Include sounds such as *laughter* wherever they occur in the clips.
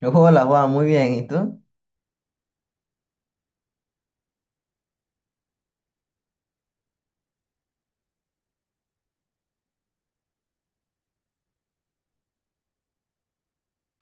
Yo juego Hola Juan, muy bien. ¿Y tú?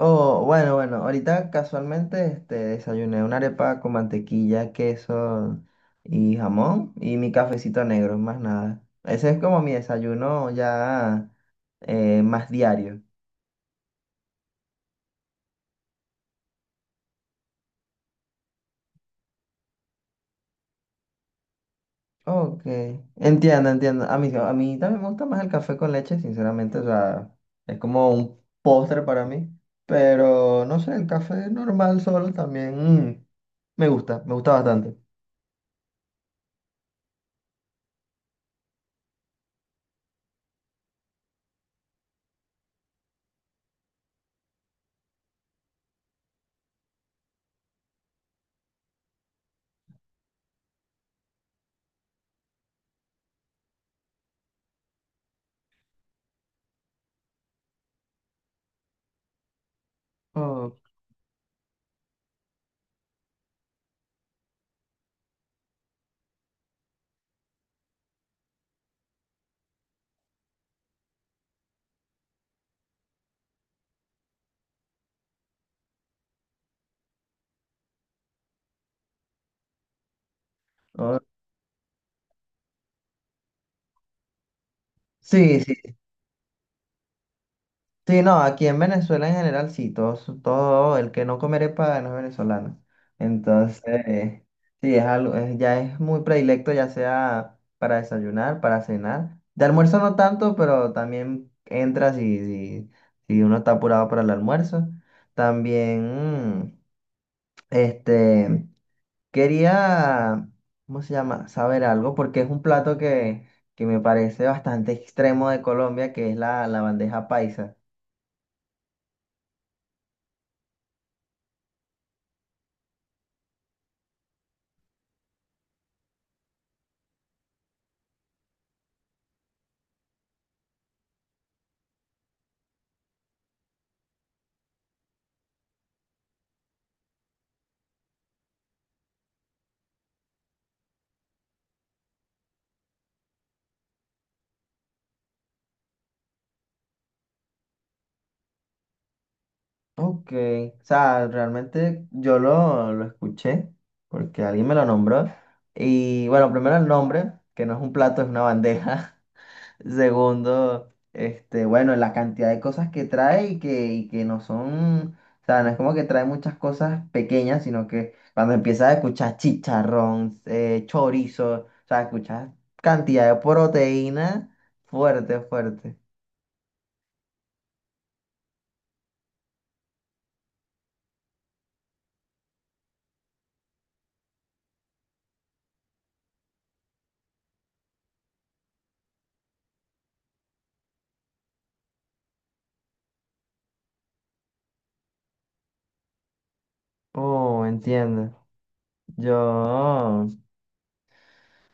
Oh, bueno, ahorita casualmente desayuné una arepa con mantequilla, queso y jamón y mi cafecito negro, más nada. Ese es como mi desayuno ya más diario. Ok, entiendo, entiendo. A mí también me gusta más el café con leche, sinceramente, o sea, es como un postre para mí, pero no sé, el café normal solo también mm, me gusta bastante. Oh, oh, sí, sí. Sí, no, aquí en Venezuela en general sí, todo el que no comer arepa no es venezolano. Entonces, sí, ya es muy predilecto, ya sea para desayunar, para cenar. De almuerzo no tanto, pero también entra si uno está apurado para el almuerzo. También, este, quería, ¿cómo se llama? Saber algo, porque es un plato que me parece bastante extremo de Colombia, que es la bandeja paisa. Ok, o sea, realmente lo escuché porque alguien me lo nombró. Y bueno, primero el nombre, que no es un plato, es una bandeja. *laughs* Segundo, bueno, la cantidad de cosas que trae y que no son, o sea, no es como que trae muchas cosas pequeñas, sino que cuando empiezas a escuchar chicharrón, chorizo, o sea, escuchas cantidad de proteína fuerte, fuerte. Oh, entiendo. Yo...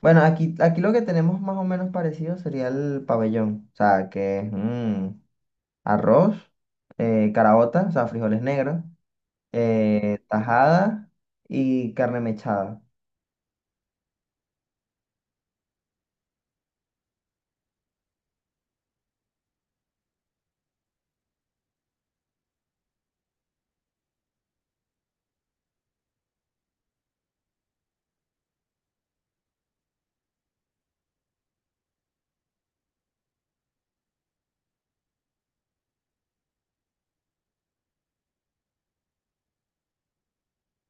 Bueno, aquí lo que tenemos más o menos parecido sería el pabellón, o sea, que es mm, arroz, caraota, o sea, frijoles negros, tajada y carne mechada.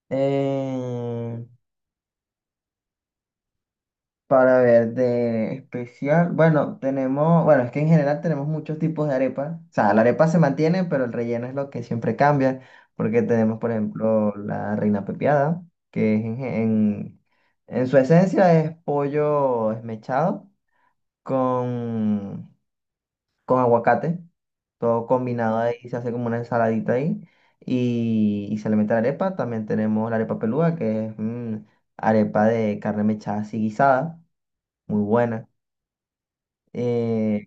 Eh, Para ver de especial, bueno, tenemos, bueno, es que en general tenemos muchos tipos de arepa. O sea, la arepa se mantiene, pero el relleno es lo que siempre cambia, porque tenemos, por ejemplo, la reina pepiada, que es en su esencia es pollo esmechado con, con aguacate, todo combinado ahí, se hace como una ensaladita ahí, y se le mete la arepa. También tenemos la arepa peluda, que es mm, arepa de carne mechada así guisada, muy buena. Eh,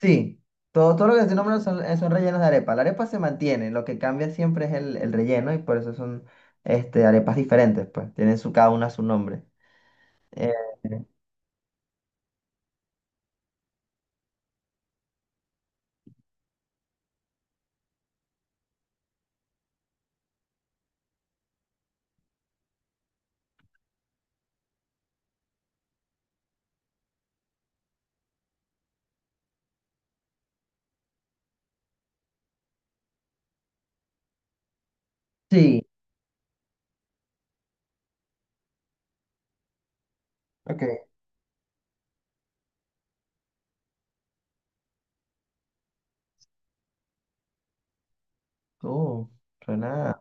sí, todo lo que estoy nombrando son, son rellenos de arepa. La arepa se mantiene, lo que cambia siempre es el relleno y por eso son arepas diferentes, pues tienen su, cada una su nombre. Eh, sí, ok. Oh, suena.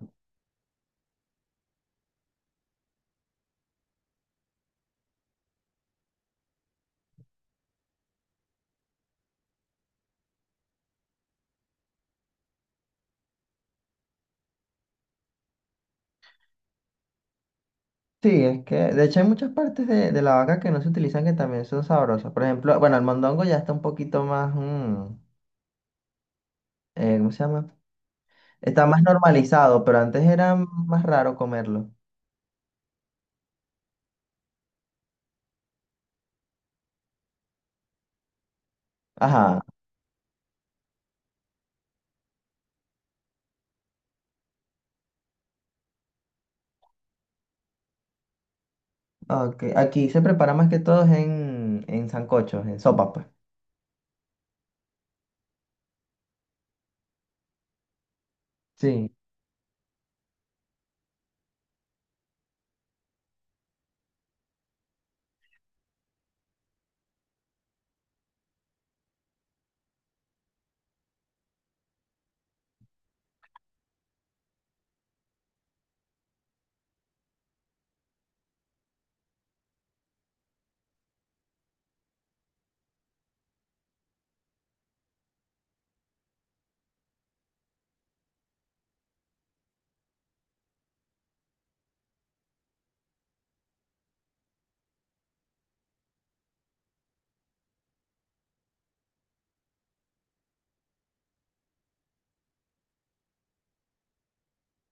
Sí, es que de hecho hay muchas partes de la vaca que no se utilizan que también son sabrosas. Por ejemplo, bueno, el mondongo ya está un poquito más, mm, ¿cómo se llama? Está más normalizado, pero antes era más raro comerlo. Ajá. Ok, aquí se prepara más que todo es en sancochos, en sopas, pues. Sí.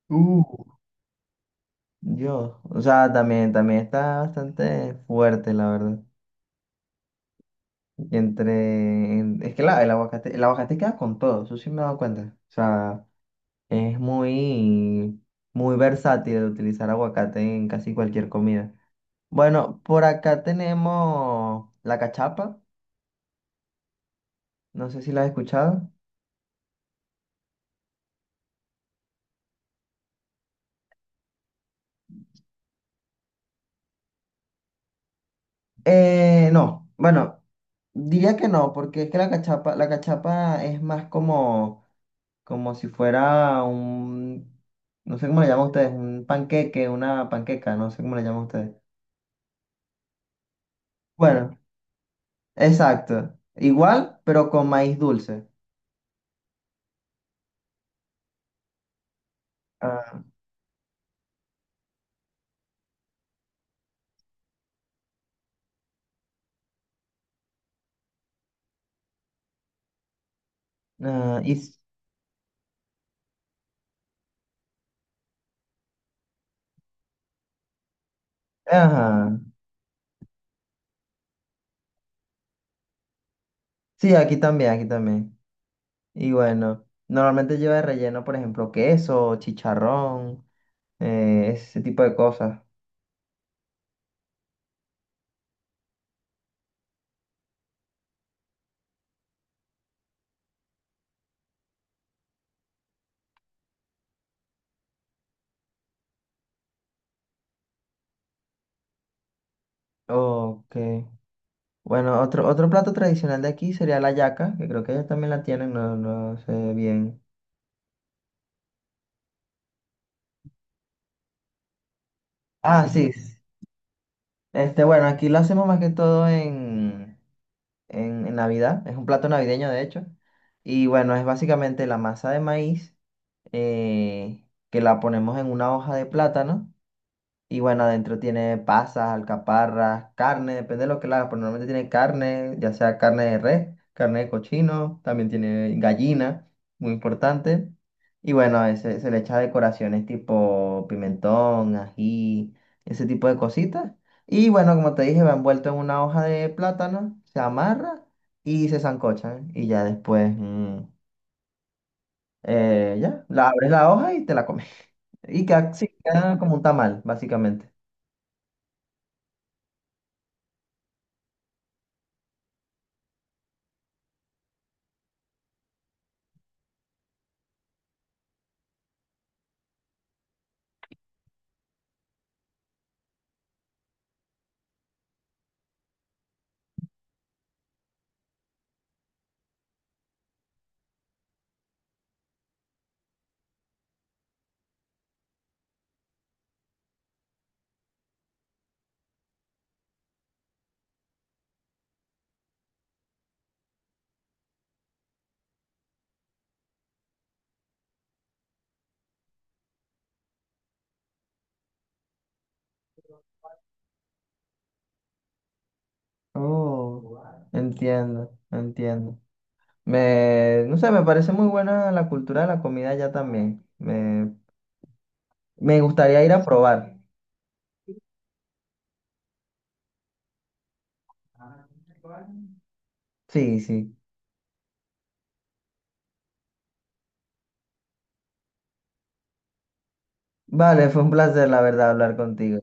Uh. Dios. O sea, también, también está bastante fuerte, la verdad. Y entre. En- es que la- el aguacate queda con todo, eso sí me he dado cuenta. O sea, es muy, muy versátil utilizar aguacate en casi cualquier comida. Bueno, por acá tenemos la cachapa. No sé si la has escuchado. No. Bueno. Diría que no, porque es que la cachapa es más como, como si fuera un, no sé cómo le llaman ustedes, un panqueque, una panqueca, no sé cómo le llaman ustedes. Bueno, exacto. Igual, pero con maíz dulce. Ah, ah, y, s- ajá. Sí, aquí también, aquí también. Y bueno, normalmente lleva de relleno, por ejemplo, queso, chicharrón, ese tipo de cosas. Ok. Bueno, otro, otro plato tradicional de aquí sería la yaca, que creo que ellos también la tienen, no, no sé bien. Ah, sí. Sí. Este, bueno, aquí lo hacemos más que todo en Navidad. Es un plato navideño, de hecho. Y bueno, es básicamente la masa de maíz eh, que la ponemos en una hoja de plátano. Y bueno, adentro tiene pasas, alcaparras, carne, depende de lo que la hagas, pero normalmente tiene carne, ya sea carne de res, carne de cochino, también tiene gallina, muy importante. Y bueno, se le echa decoraciones tipo pimentón, ají, ese tipo de cositas. Y bueno, como te dije, va envuelto en una hoja de plátano, se amarra y se sancocha. Y ya después, ya, la abres la hoja y te la comes. *laughs* Y queda, sí, queda como un tamal, básicamente. Oh, entiendo, entiendo. Me, no sé, me parece muy buena la cultura de la comida allá también. Me gustaría ir a probar. Sí, sí. Vale, fue un placer, la verdad, hablar contigo.